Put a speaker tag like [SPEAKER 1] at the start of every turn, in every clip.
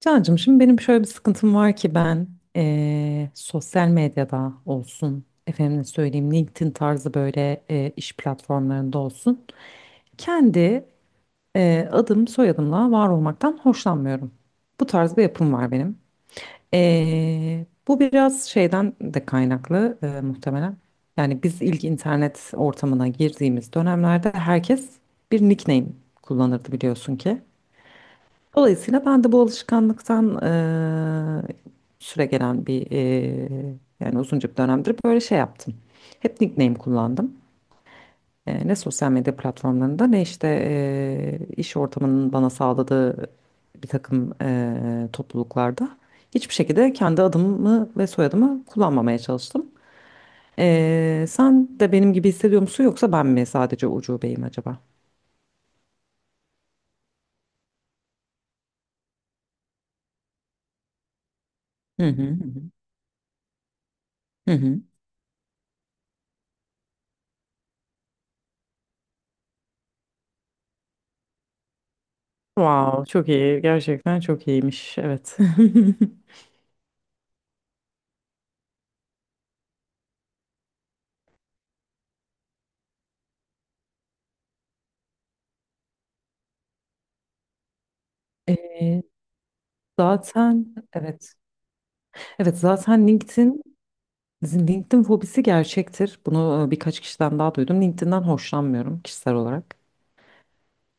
[SPEAKER 1] Cancığım şimdi benim şöyle bir sıkıntım var ki ben sosyal medyada olsun, efendim söyleyeyim LinkedIn tarzı böyle iş platformlarında olsun. Kendi adım soyadımla var olmaktan hoşlanmıyorum. Bu tarz bir yapım var benim. Bu biraz şeyden de kaynaklı muhtemelen. Yani biz ilk internet ortamına girdiğimiz dönemlerde herkes bir nickname kullanırdı biliyorsun ki. Dolayısıyla ben de bu alışkanlıktan süre gelen bir yani uzunca bir dönemdir böyle şey yaptım. Hep nickname kullandım. Ne sosyal medya platformlarında ne işte iş ortamının bana sağladığı bir takım topluluklarda hiçbir şekilde kendi adımı ve soyadımı kullanmamaya çalıştım. Sen de benim gibi hissediyor musun yoksa ben mi sadece ucubeyim acaba? Hı hı hı. Hı. Hı hı. Wow, çok iyi. Gerçekten çok iyiymiş. Evet. Ee, Zaten evet. Evet zaten LinkedIn, LinkedIn fobisi gerçektir. Bunu birkaç kişiden daha duydum. LinkedIn'den hoşlanmıyorum kişisel olarak.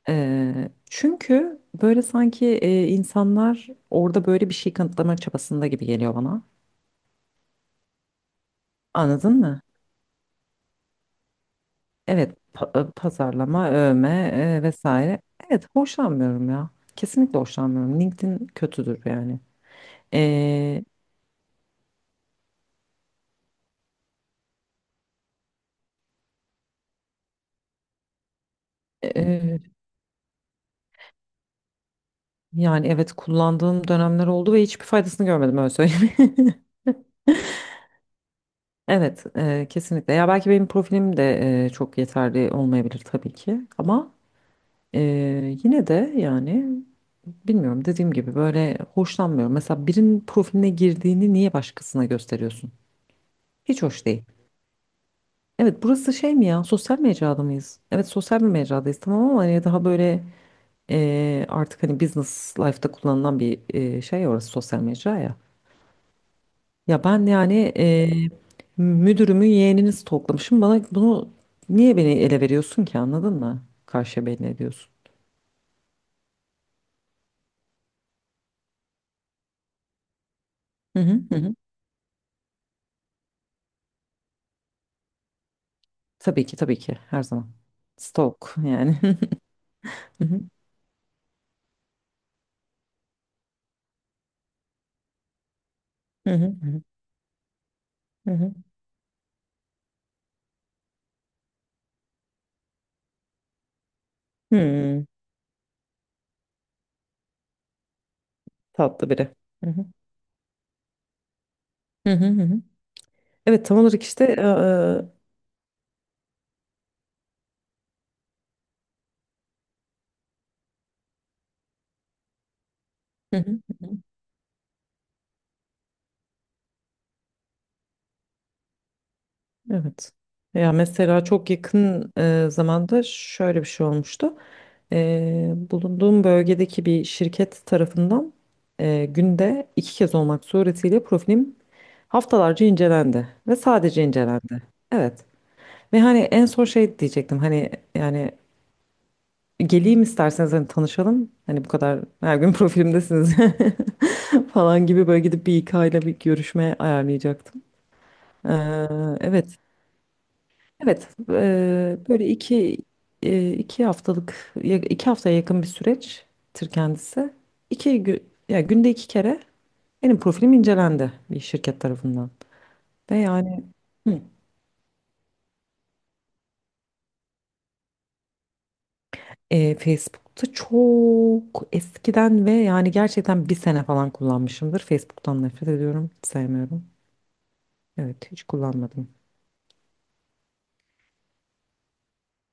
[SPEAKER 1] Çünkü böyle sanki insanlar orada böyle bir şey kanıtlama çabasında gibi geliyor bana. Anladın mı? Evet, pazarlama, övme vesaire. Evet, hoşlanmıyorum ya. Kesinlikle hoşlanmıyorum. LinkedIn kötüdür yani. Ee, Yani evet kullandığım dönemler oldu ve hiçbir faydasını görmedim öyle söyleyeyim. Evet, kesinlikle. Ya belki benim profilim de çok yeterli olmayabilir tabii ki. Ama e, yine de yani bilmiyorum dediğim gibi böyle hoşlanmıyorum. Mesela birinin profiline girdiğini niye başkasına gösteriyorsun? Hiç hoş değil. Evet burası şey mi ya, sosyal mecrada mıyız? Evet sosyal bir mecradayız tamam ama hani daha böyle artık hani business life'da kullanılan bir şey, orası sosyal mecra ya. Ya ben yani müdürümün yeğenini stalklamışım. Bana bunu niye beni ele veriyorsun ki, anladın mı? Karşıya belli ediyorsun. Hı hı hı. Hı. Tabii ki, tabii ki, her zaman. Stalk yani. Hı hı hı hı hı. Hı. Hmm, tatlı biri. Hı hı hı hı. Hı hı. Evet tam olarak işte hı hı, hı hı, evet. Ya mesela çok yakın zamanda şöyle bir şey olmuştu. Bulunduğum bölgedeki bir şirket tarafından günde iki kez olmak suretiyle profilim haftalarca incelendi ve sadece incelendi. Evet. Ve hani en son şey diyecektim, hani yani geleyim isterseniz hani tanışalım. Hani bu kadar her gün profilimdesiniz falan gibi, böyle gidip bir İK ile bir görüşme ayarlayacaktım. Eee, evet Evet, böyle iki iki haftaya yakın bir süreçtir kendisi. İki gün ya Günde iki kere benim profilim incelendi bir şirket tarafından ve yani hı, Facebook'ta çok eskiden ve yani gerçekten bir sene falan kullanmışımdır. Facebook'tan nefret ediyorum, sevmiyorum. Evet, hiç kullanmadım.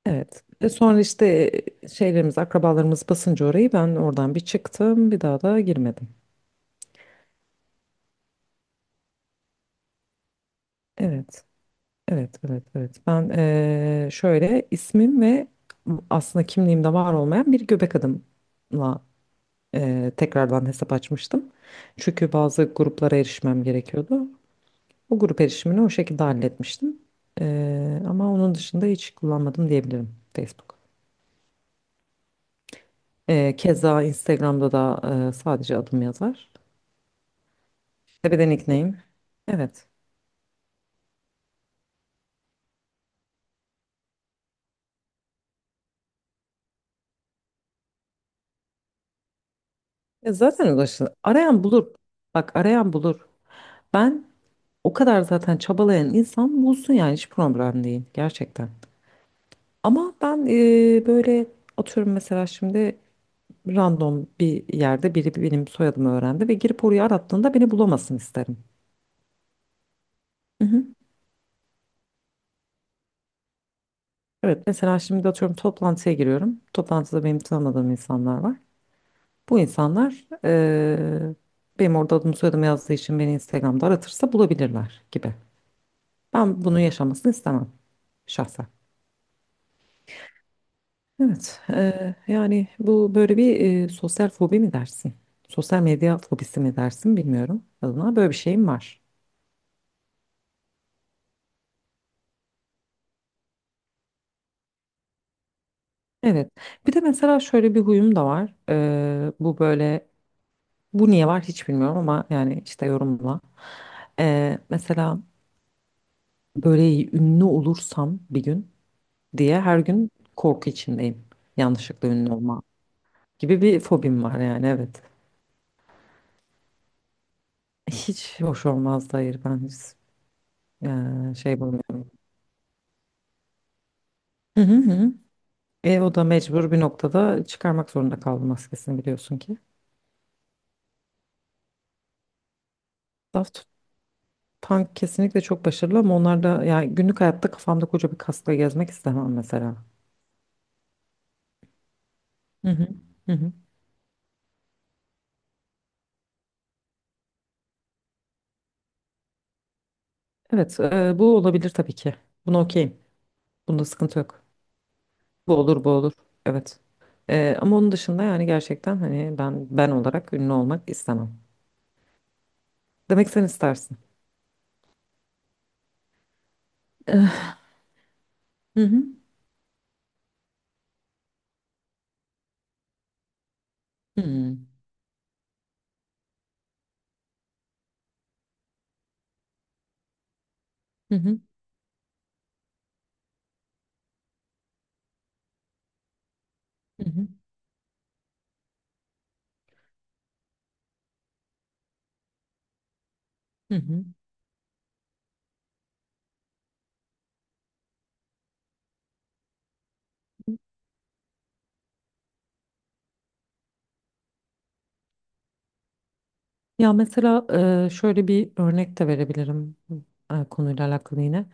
[SPEAKER 1] Evet. E sonra işte şeylerimiz, akrabalarımız basınca orayı ben oradan bir çıktım, bir daha da girmedim. Evet. Evet, evet, evet. Ben şöyle ismim ve aslında kimliğimde var olmayan bir göbek adımla tekrardan hesap açmıştım. Çünkü bazı gruplara erişmem gerekiyordu. O grup erişimini o şekilde halletmiştim. Ama onun dışında hiç kullanmadım diyebilirim Facebook. Keza Instagram'da da sadece adım yazar. Tepeden nickname. Evet. Ya zaten ulaşılır. Arayan bulur. Bak arayan bulur. Ben o kadar zaten çabalayan insan bulsun yani, hiç problem değil gerçekten. Ama ben böyle atıyorum mesela şimdi random bir yerde biri benim soyadımı öğrendi ve girip orayı arattığında beni bulamasın isterim. Hı hı. Evet mesela şimdi atıyorum toplantıya giriyorum. Toplantıda benim tanımadığım insanlar var. Bu insanlar benim orada adımı soyadımı yazdığı için beni Instagram'da aratırsa bulabilirler gibi. Ben bunu yaşamasını istemem şahsen. Evet, yani bu böyle bir sosyal fobi mi dersin? Sosyal medya fobisi mi dersin bilmiyorum. Adına böyle bir şeyim var. Evet. Bir de mesela şöyle bir huyum da var. Bu böyle, bu niye var hiç bilmiyorum ama yani işte yorumla. Mesela böyle ünlü olursam bir gün diye her gün korku içindeyim. Yanlışlıkla ünlü olma gibi bir fobim var yani, evet. Hiç hoş olmaz da, hayır ben hiç, şey bulmuyorum. Hı hı hı. E, o da mecbur bir noktada çıkarmak zorunda kaldı maskesini, biliyorsun ki. Daft Punk kesinlikle çok başarılı ama onlar da, yani günlük hayatta kafamda koca bir kaskla gezmek istemem mesela. Hı hı. Hı hı. Evet, bu olabilir tabii ki. Buna okeyim. Bunda sıkıntı yok. Bu olur, bu olur. Evet. E, ama onun dışında yani gerçekten hani ben ben olarak ünlü olmak istemem. Demek sen istersin. Hı hı. Hı hı. Hı hı. Hı hı. Hı hı. Ya mesela şöyle bir örnek de verebilirim konuyla alakalı yine.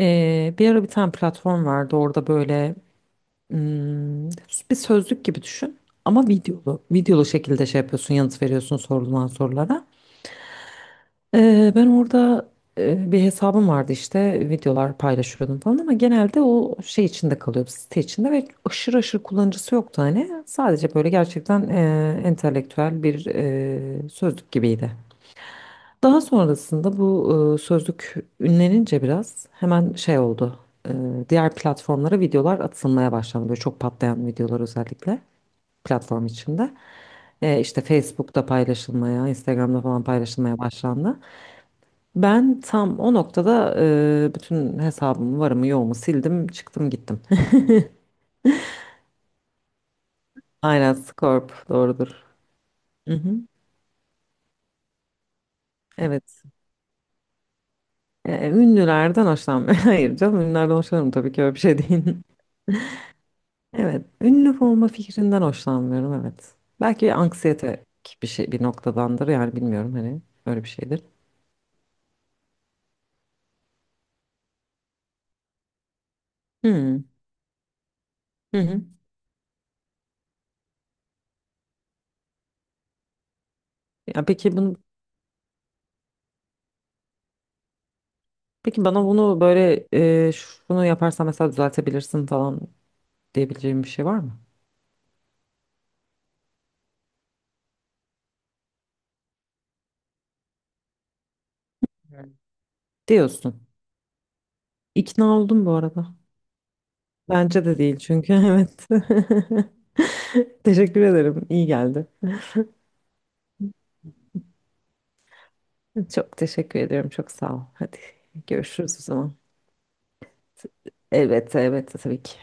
[SPEAKER 1] E, bir ara bir tane platform vardı, orada böyle mm, bir sözlük gibi düşün ama videolu. Videolu şekilde şey yapıyorsun, yanıt veriyorsun sorulan sorulara. Ben orada bir hesabım vardı işte, videolar paylaşıyordum falan ama genelde o şey içinde kalıyordu, site içinde, ve aşırı aşırı kullanıcısı yoktu hani. Sadece böyle gerçekten entelektüel bir sözlük gibiydi. Daha sonrasında bu sözlük ünlenince biraz hemen şey oldu. E, Diğer platformlara videolar atılmaya başlandı. Böyle çok patlayan videolar özellikle platform içinde. İşte Facebook'ta paylaşılmaya, Instagram'da falan paylaşılmaya başlandı. Ben tam o noktada bütün hesabımı, varımı, yoğumu sildim, çıktım gittim. Aynen, Scorp doğrudur. Hı hı, evet. E, ünlülerden hoşlanmıyorum. Hayır canım, ünlülerden hoşlanırım tabii ki, öyle bir şey değil. Evet, ünlü olma fikrinden hoşlanmıyorum, evet. Belki anksiyete bir şey bir noktadandır yani, bilmiyorum hani, öyle bir şeydir. Hmm. Hı hı. Ya peki bunu peki bana bunu böyle şunu yaparsan mesela düzeltebilirsin falan diyebileceğim bir şey var mı? Yani diyorsun. İkna oldum bu arada. Bence de değil çünkü evet. Teşekkür ederim. İyi geldi. Çok teşekkür ediyorum. Çok sağ ol. Hadi görüşürüz o zaman. Elbette, elbette, tabii ki.